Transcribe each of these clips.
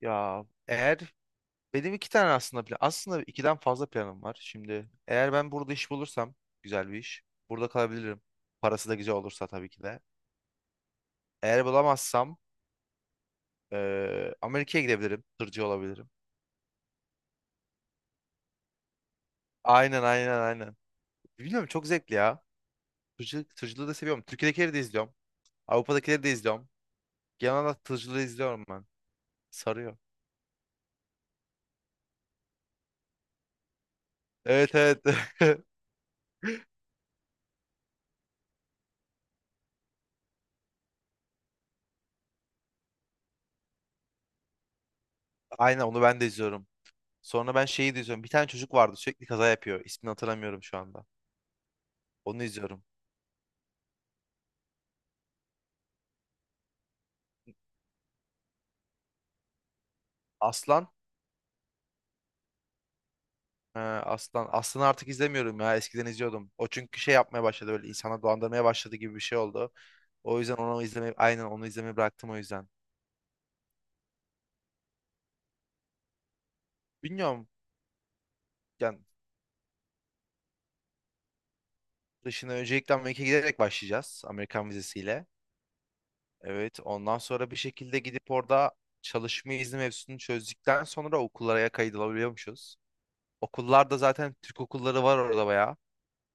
Ya eğer benim iki tane aslında plan, aslında ikiden fazla planım var. Şimdi eğer ben burada iş bulursam güzel bir iş, burada kalabilirim. Parası da güzel olursa tabii ki de. Eğer bulamazsam Amerika'ya gidebilirim, tırcı olabilirim. Aynen, aynen, aynen. Bilmiyorum, çok zevkli ya. Tırcılık, tırcılığı da seviyorum. Türkiye'dekileri de izliyorum. Avrupa'dakileri de izliyorum. Genel olarak tırcılığı izliyorum ben. Sarıyor. Evet, evet. Aynen, onu ben de izliyorum. Sonra ben şeyi de izliyorum. Bir tane çocuk vardı, sürekli kaza yapıyor. İsmini hatırlamıyorum şu anda. Onu izliyorum. Aslan. He, Aslan. Aslan'ı artık izlemiyorum ya. Eskiden izliyordum. O çünkü şey yapmaya başladı, böyle insana dolandırmaya başladı gibi bir şey oldu. O yüzden onu izlemeyi, bıraktım o yüzden. Bilmiyorum. Yani dışına öncelikle Amerika'ya giderek başlayacağız. Amerikan vizesiyle. Evet. Ondan sonra bir şekilde gidip orada çalışma izni mevzusunu çözdükten sonra okullara kaydolabiliyormuşuz. Okullarda zaten Türk okulları var orada bayağı.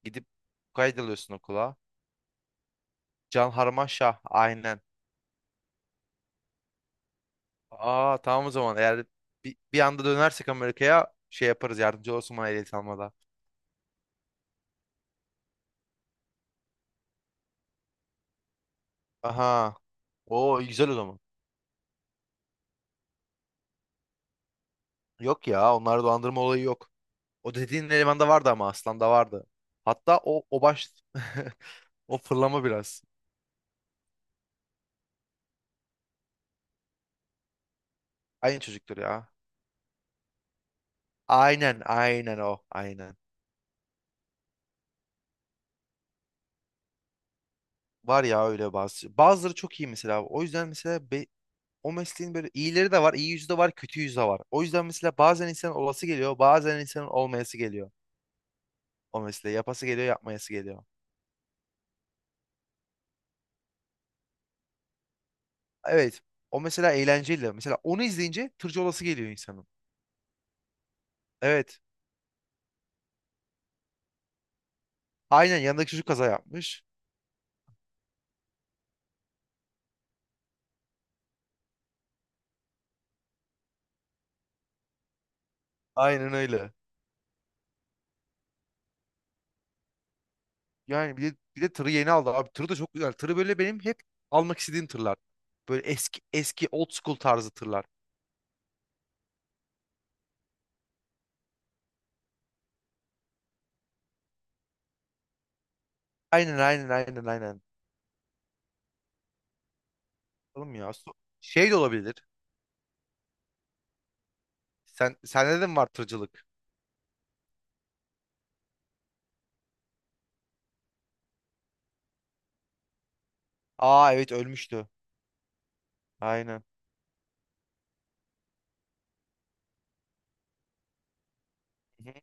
Gidip kaydoluyorsun okula. Can Harman Şah, aynen. Aa tamam, o zaman eğer bir anda dönersek Amerika'ya şey yaparız, yardımcı olsun bana ehliyet almada. Aha. Oo güzel o zaman. Yok ya, onlarda dolandırma olayı yok. O dediğin elemanda vardı ama Aslan'da vardı. Hatta o baş o fırlama biraz. Aynı çocuktur ya. Aynen, aynen o, aynen. Var ya öyle bazı. Bazıları çok iyi mesela. O yüzden mesela o mesleğin böyle iyileri de var, iyi yüzü de var, kötü yüzü de var. O yüzden mesela bazen insanın olası geliyor, bazen insanın olmayası geliyor. O mesleği yapası geliyor, yapmayası geliyor. Evet. O mesela eğlenceli. Mesela onu izleyince tırcı olası geliyor insanın. Evet. Aynen, yanındaki çocuk kaza yapmış. Aynen öyle. Yani bir de tırı yeni aldı abi. Tırı da çok güzel. Tırı böyle benim hep almak istediğim tırlar. Böyle eski eski old school tarzı tırlar. Aynen, aynen, aynen, aynen. Oğlum ya. Şey de olabilir. Sen sende de mi var tırcılık? Aa evet, ölmüştü. Aynen. Hı hı.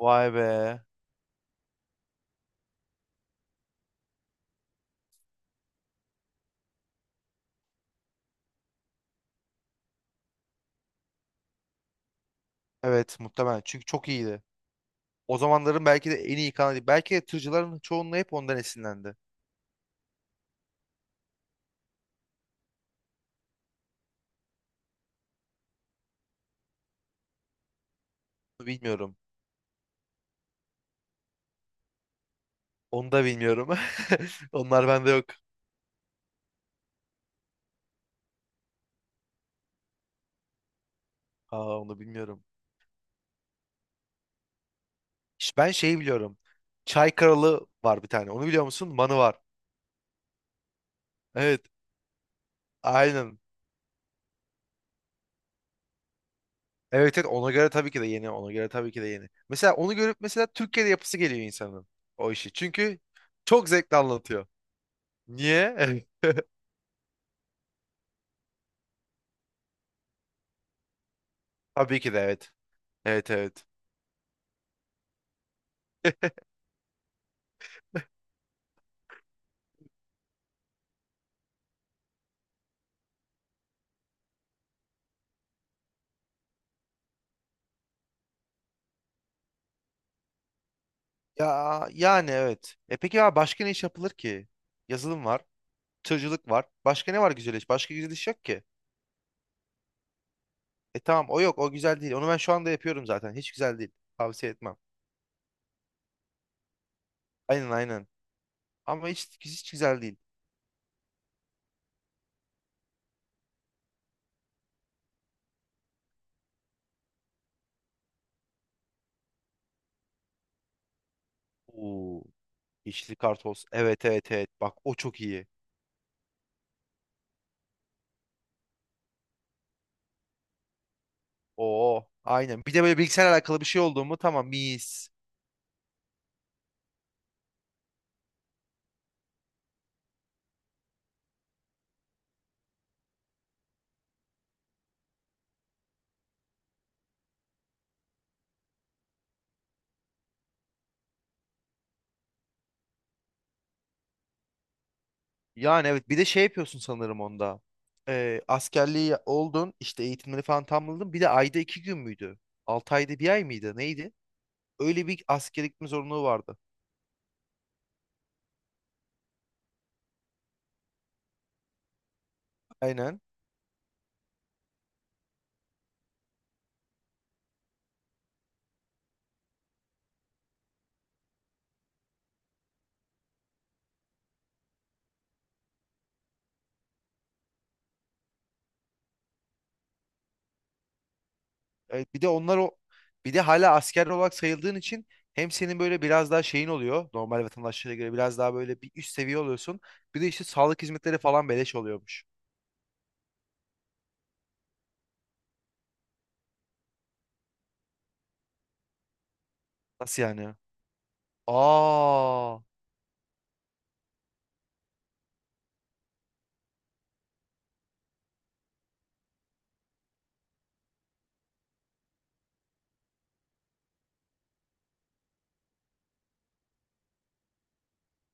Vay be. Evet, muhtemelen. Çünkü çok iyiydi. O zamanların belki de en iyi kanalı. Belki de tırcıların çoğunluğu hep ondan esinlendi. Bilmiyorum. Onu da bilmiyorum. Onlar bende yok. Aa, onu bilmiyorum. İşte ben şeyi biliyorum. Çay Kralı var bir tane. Onu biliyor musun? Manı var. Evet. Aynen. Evet evet, ona göre tabii ki de yeni. Ona göre tabii ki de yeni. Mesela onu görüp mesela Türkiye'de yapısı geliyor insanın. O işi. Çünkü çok zevkli anlatıyor. Niye? Tabii ki de, evet. Evet, evet. Ya yani evet. E peki ya başka ne iş yapılır ki? Yazılım var. Tırcılık var. Başka ne var güzel iş? Başka güzel iş yok ki. E tamam, o yok, o güzel değil. Onu ben şu anda yapıyorum zaten. Hiç güzel değil. Tavsiye etmem. Aynen, aynen. Ama hiç güzel değil. Oo, yeşilli kartoz. Evet, evet, evet. Bak o çok iyi. Oo aynen. Bir de böyle bilgisayarla alakalı bir şey oldu mu tamam mis. Yani evet, bir de şey yapıyorsun sanırım onda. Askerliği oldun işte, eğitimleri falan tamamladın. Bir de ayda iki gün müydü? Altı ayda bir ay mıydı? Neydi? Öyle bir askere gitme zorunluluğu vardı. Aynen. Evet, bir de onlar o, bir de hala asker olarak sayıldığın için hem senin böyle biraz daha şeyin oluyor, normal vatandaşlara göre biraz daha böyle bir üst seviye oluyorsun. Bir de işte sağlık hizmetleri falan beleş oluyormuş. Nasıl yani? Aa,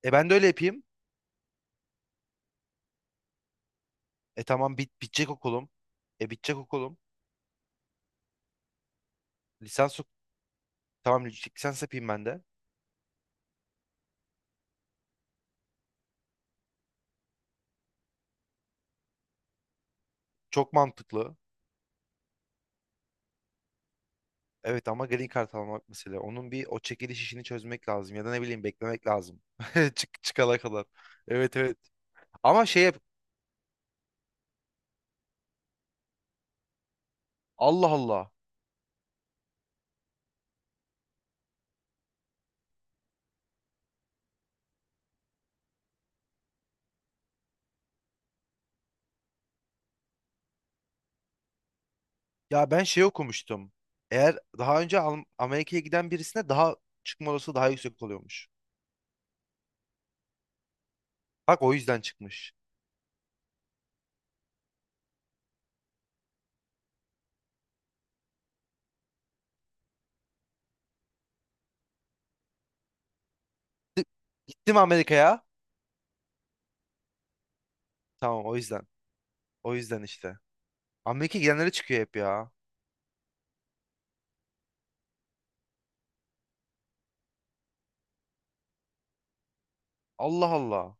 e ben de öyle yapayım. E tamam, bit bitecek okulum. E bitecek okulum. Lisans ok- tamam, lisans yapayım ben de. Çok mantıklı. Evet, ama green card almak mesela. Onun bir o çekiliş işini çözmek lazım ya da ne bileyim beklemek lazım. Çık çıkana kadar. Evet, evet. Ama şey yap. Allah Allah. Ya ben şey okumuştum. Eğer daha önce Amerika'ya giden birisine daha çıkma olasılığı daha yüksek oluyormuş. Bak o yüzden çıkmış. Di- Gittim Amerika'ya. Tamam, o yüzden. O yüzden işte. Amerika'ya gidenlere çıkıyor hep ya. Allah Allah.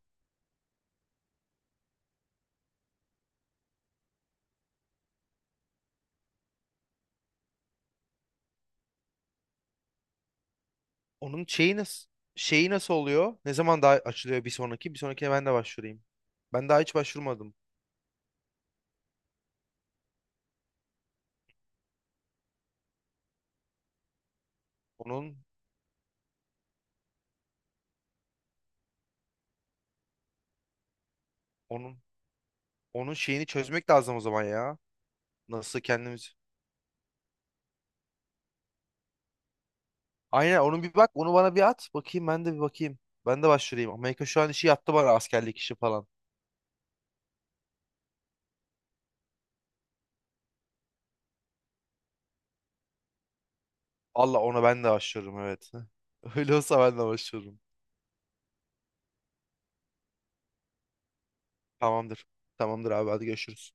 Onun şeyi nasıl, şeyi nasıl oluyor? Ne zaman daha açılıyor bir sonraki? Bir sonrakine ben de başvurayım. Ben daha hiç başvurmadım. Onun onun onun şeyini çözmek lazım o zaman ya. Nasıl kendimiz Aynen, onu bir bak, onu bana bir at bakayım, ben de bir bakayım. Ben de başvurayım. Amerika şu an işi yattı bana, askerlik işi falan. Allah, ona ben de başvururum, evet. Öyle olsa ben de başvururum. Tamamdır. Tamamdır abi, hadi görüşürüz.